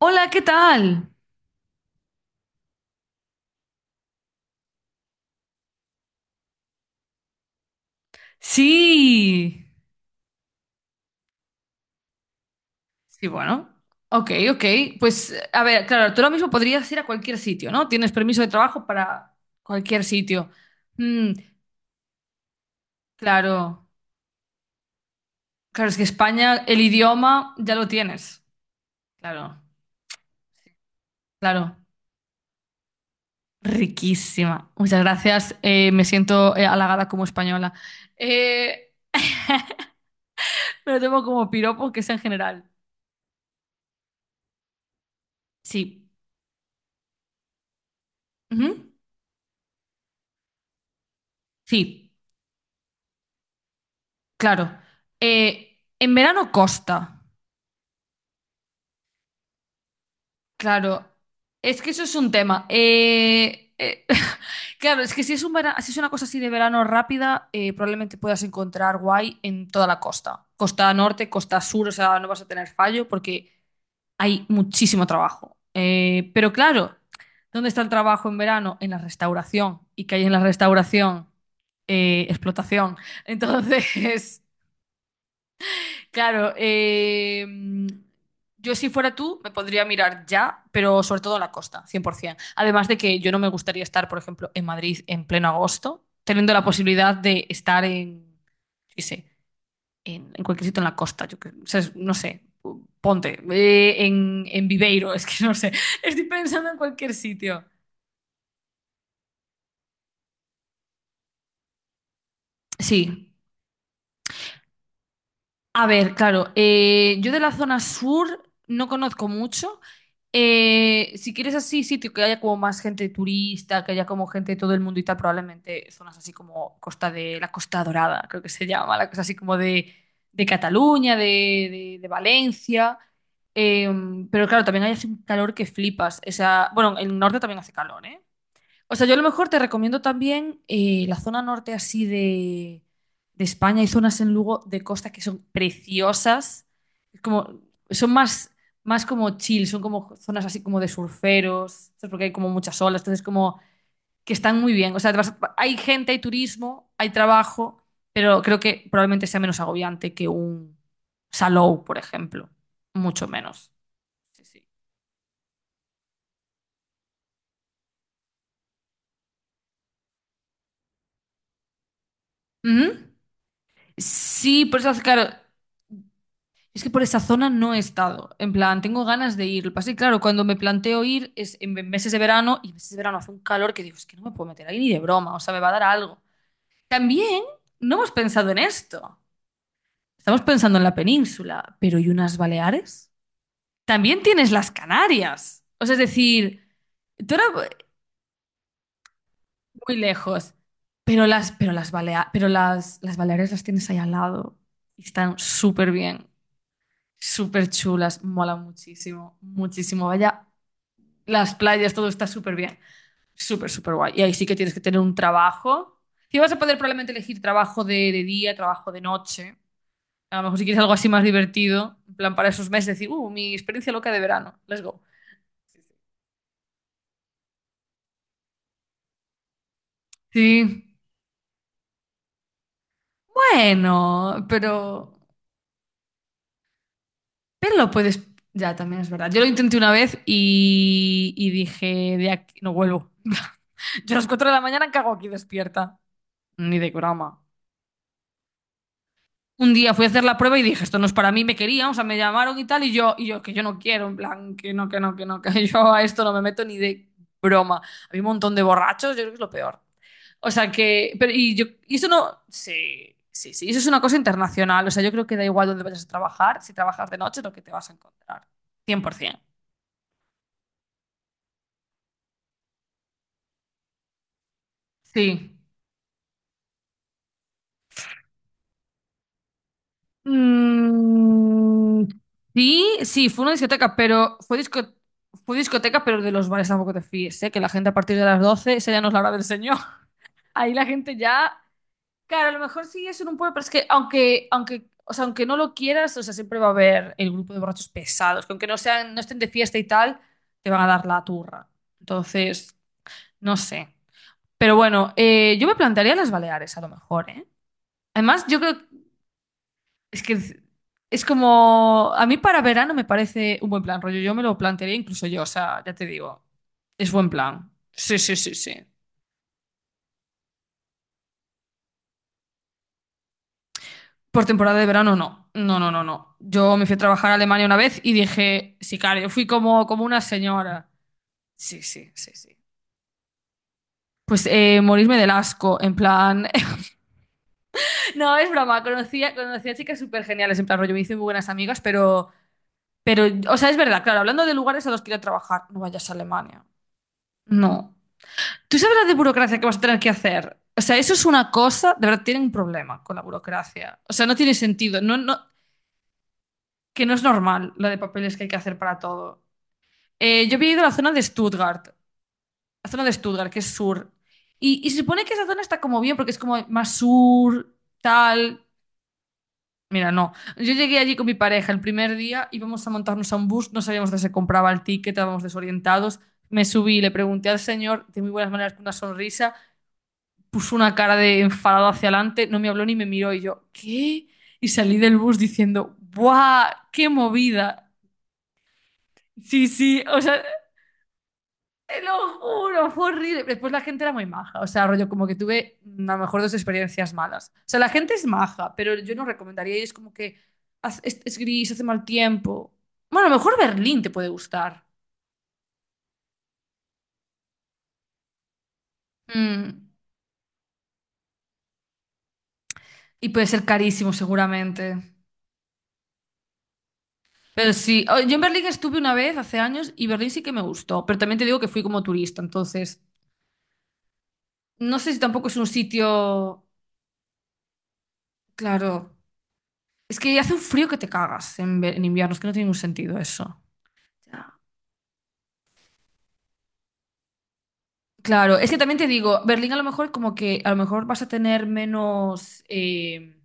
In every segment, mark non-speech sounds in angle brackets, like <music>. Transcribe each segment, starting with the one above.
Hola, ¿qué tal? Sí, sí, bueno. Ok, ok. Pues, a ver, claro, tú lo mismo podrías ir a cualquier sitio, ¿no? Tienes permiso de trabajo para cualquier sitio. Mm, claro, claro, es que España, el idioma ya lo tienes. Claro, claro. Riquísima. Muchas gracias. Me siento halagada como española. Eh, <laughs> Me lo tomo como piropo, que es en general. Sí. Ujú. Sí, claro. En verano costa. Claro, es que eso es un tema. <laughs> Claro, es que si es una cosa así de verano rápida, probablemente puedas encontrar guay en toda la costa. Costa norte, costa sur, o sea, no vas a tener fallo porque hay muchísimo trabajo. Pero claro, ¿dónde está el trabajo en verano? En la restauración. ¿Y qué hay en la restauración? Explotación. Entonces, <laughs> Claro, yo si fuera tú me podría mirar ya, pero sobre todo la costa, 100%. Además de que yo no me gustaría estar, por ejemplo, en Madrid en pleno agosto, teniendo la posibilidad de estar en, yo qué sé, en cualquier sitio en la costa, o sea, no sé, ponte, en Viveiro, <laughs> es que no sé, <laughs> estoy pensando en cualquier sitio. Sí, a ver, claro, yo de la zona sur no conozco mucho. Si quieres así sitio que haya como más gente turista, que haya como gente de todo el mundo y tal, probablemente zonas así como Costa de la Costa Dorada, creo que se llama, la cosa así como de Cataluña, de, de Valencia. Eh, pero claro, también hay así un calor que flipas. O sea, bueno, en el norte también hace calor, ¿eh? O sea, yo a lo mejor te recomiendo también la zona norte así de España. Hay zonas en Lugo de costa que son preciosas. Es como, son más, más como chill, son como zonas así como de surferos, ¿sabes? Porque hay como muchas olas, entonces como que están muy bien. O sea, hay gente, hay turismo, hay trabajo, pero creo que probablemente sea menos agobiante que un Salou, por ejemplo. Mucho menos. Sí, sí. Ujú. Sí, por eso, claro, es que por esa zona no he estado. En plan, tengo ganas de ir. Lo que pasa es que, claro, cuando me planteo ir es en meses de verano y en meses de verano hace un calor que digo, es que no me puedo meter ahí ni de broma, o sea, me va a dar algo. También no hemos pensado en esto. Estamos pensando en la península, pero ¿y unas Baleares? También tienes las Canarias. O sea, es decir, tú ahora muy lejos, pero las Baleares las tienes ahí al lado y están súper bien, súper chulas, mola muchísimo, muchísimo. Vaya las playas, todo está súper bien. Súper, súper guay. Y ahí sí que tienes que tener un trabajo. Si vas a poder probablemente elegir trabajo de día, trabajo de noche. A lo mejor si quieres algo así más divertido, en plan para esos meses, decir, mi experiencia loca de verano, let's go. Sí, bueno, pero, pero lo puedes, ya también es verdad. Yo lo intenté una vez y dije, de aquí no vuelvo. <laughs> Yo a las 4 de la mañana, ¿qué hago aquí despierta? Ni de broma. Un día fui a hacer la prueba y dije, esto no es para mí, me querían, o sea, me llamaron y tal, y yo, que yo no quiero, en plan, que no, que no, que no, que <laughs> yo a esto no me meto ni de broma. Había un montón de borrachos, yo creo que es lo peor. O sea, que, pero, y yo, y eso no, sí, sí, sí, eso es una cosa internacional, o sea, yo creo que da igual dónde vayas a trabajar, si trabajas de noche es lo que te vas a encontrar, 100%. Sí. Mm, sí, sí, fue una discoteca, pero fue discoteca, pero de los bares tampoco te fíes, ¿eh? Que la gente a partir de las 12, esa ya no es la hora del señor. <laughs> Ahí la gente ya, claro, a lo mejor sí es en un pueblo, pero es que aunque, o sea, aunque no lo quieras, o sea, siempre va a haber el grupo de borrachos pesados, que aunque no sean, no estén de fiesta y tal, te van a dar la turra. Entonces, no sé. Pero bueno, yo me plantearía las Baleares a lo mejor, ¿eh? Además, yo creo, es que es como, a mí para verano me parece un buen plan, rollo, yo me lo plantearía incluso yo, o sea, ya te digo, es buen plan. Sí, sí, sí, sí. Por temporada de verano no, no, no, no, no. Yo me fui a trabajar a Alemania una vez y dije, sí, claro, yo fui como, como una señora. Sí, sí, sí, sí. Pues morirme del asco, en plan... <laughs> No, es broma, conocía chicas súper geniales, en plan rollo, me hice muy buenas amigas, pero, o sea, es verdad, claro, hablando de lugares a los que ir a trabajar, no vayas a Alemania. No. ¿Tú sabes la de burocracia que vas a tener que hacer? O sea, eso es una cosa, de verdad, tienen un problema con la burocracia. O sea, no tiene sentido, no, no, que no es normal la de papeles que hay que hacer para todo. Yo había ido a la zona de Stuttgart, que es sur. Y se supone que esa zona está como bien, porque es como más sur, tal. Mira, no. Yo llegué allí con mi pareja el primer día, íbamos a montarnos a un bus, no sabíamos dónde se compraba el ticket, estábamos desorientados. Me subí, le pregunté al señor, de muy buenas maneras, con una sonrisa, puso una cara de enfadado hacia adelante, no me habló ni me miró y yo, ¿qué? Y salí del bus diciendo, ¡buah! ¡Qué movida! Sí, sí, o sea, te lo juro, fue horrible. Después la gente era muy maja, o sea, rollo como que tuve a lo mejor dos experiencias malas. O sea, la gente es maja, pero yo no recomendaría y es como que es gris, hace mal tiempo. Bueno, a lo mejor Berlín te puede gustar. Mm, Y puede ser carísimo seguramente. Pero sí, o- yo en Berlín estuve una vez hace años y Berlín sí que me gustó, pero también te digo que fui como turista, entonces no sé si tampoco es un sitio, claro, es que hace un frío que te cagas en invierno, es que no tiene ningún sentido eso. Ya. Claro, es que también te digo, Berlín a lo mejor como que a lo mejor vas a tener menos,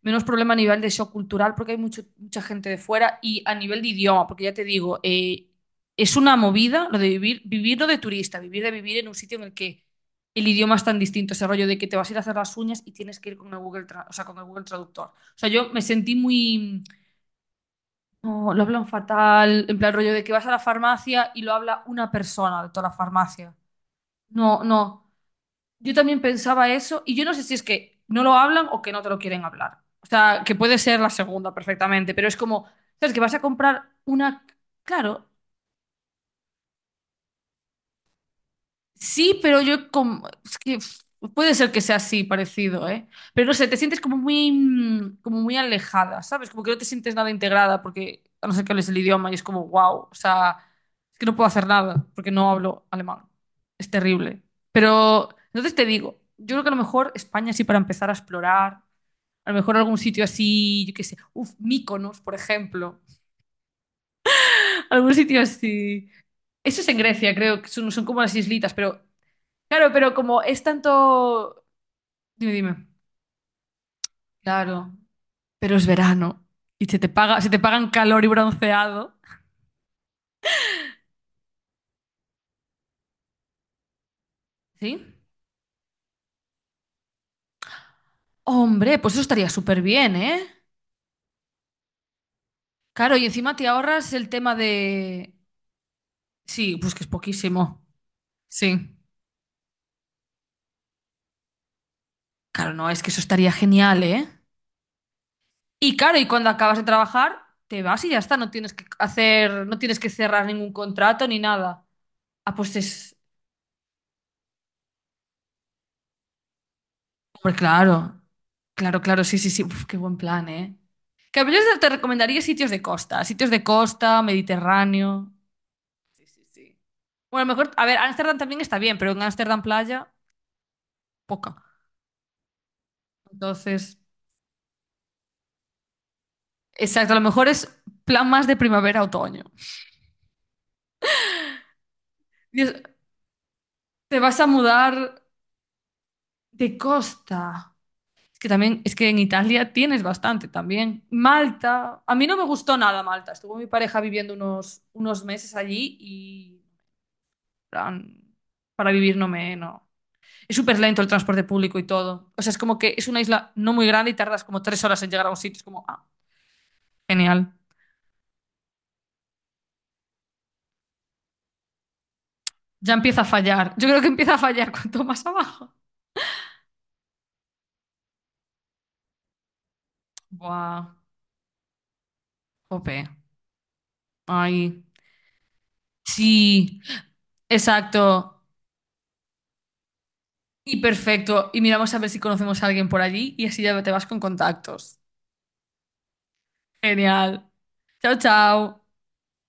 menos problema a nivel de shock cultural porque hay mucho, mucha gente de fuera y a nivel de idioma, porque ya te digo, es una movida lo de vivir, vivir no de turista, vivir de vivir en un sitio en el que el idioma es tan distinto, ese rollo de que te vas a ir a hacer las uñas y tienes que ir con el Google, o sea, con el Google Traductor. O sea, yo me sentí muy... No, lo hablan fatal, en plan rollo de que vas a la farmacia y lo habla una persona de toda la farmacia. No, no. Yo también pensaba eso y yo no sé si es que no lo hablan o que no te lo quieren hablar. O sea, que puede ser la segunda perfectamente, pero es como, ¿sabes? Que vas a comprar una... Claro, sí, pero yo como... Es que pff, puede ser que sea así, parecido, ¿eh? Pero no sé, te sientes como muy, como muy alejada, ¿sabes? Como que no te sientes nada integrada porque, a no ser que hables el idioma y es como, wow, o sea, es que no puedo hacer nada porque no hablo alemán. Es terrible. Pero, entonces te digo, yo creo que a lo mejor España sí para empezar a explorar. A lo mejor algún sitio así, yo qué sé, uf, Mykonos, por ejemplo. <laughs> Algún sitio así. Eso es en Grecia, creo, que son, son como las islitas, pero claro, pero como es tanto. Dime, dime. Claro, pero es verano y se te paga, se te pagan calor y bronceado. ¿Sí? Hombre, pues eso estaría súper bien, ¿eh? Claro, y encima te ahorras el tema de. Sí, pues que es poquísimo. Sí. Claro, no, es que eso estaría genial, ¿eh? Y claro, y cuando acabas de trabajar, te vas y ya está, no tienes que hacer, no tienes que cerrar ningún contrato ni nada. Ah, pues es, hombre, claro, claro, claro, sí, sí, sí, uf, qué buen plan, ¿eh? Que yo te recomendaría sitios de costa, Mediterráneo. Sí, sí, sí. Bueno, a lo mejor, a ver, Ámsterdam también está bien, pero en Ámsterdam playa, poca. Entonces, exacto, a lo mejor es plan más de primavera-otoño. Dios, te vas a mudar de costa. Es que también, es que en Italia tienes bastante también. Malta, a mí no me gustó nada Malta. Estuvo mi pareja viviendo unos, unos meses allí y plan, para vivir no me... No. Es súper lento el transporte público y todo. O sea, es como que es una isla no muy grande y tardas como tres horas en llegar a un sitio. Es como, ah, genial. Ya empieza a fallar. Yo creo que empieza a fallar <laughs> cuanto más abajo. Buah, jope. Ay, sí, exacto. Y perfecto. Y miramos a ver si conocemos a alguien por allí y así ya te vas con contactos. Genial. Chao, chao.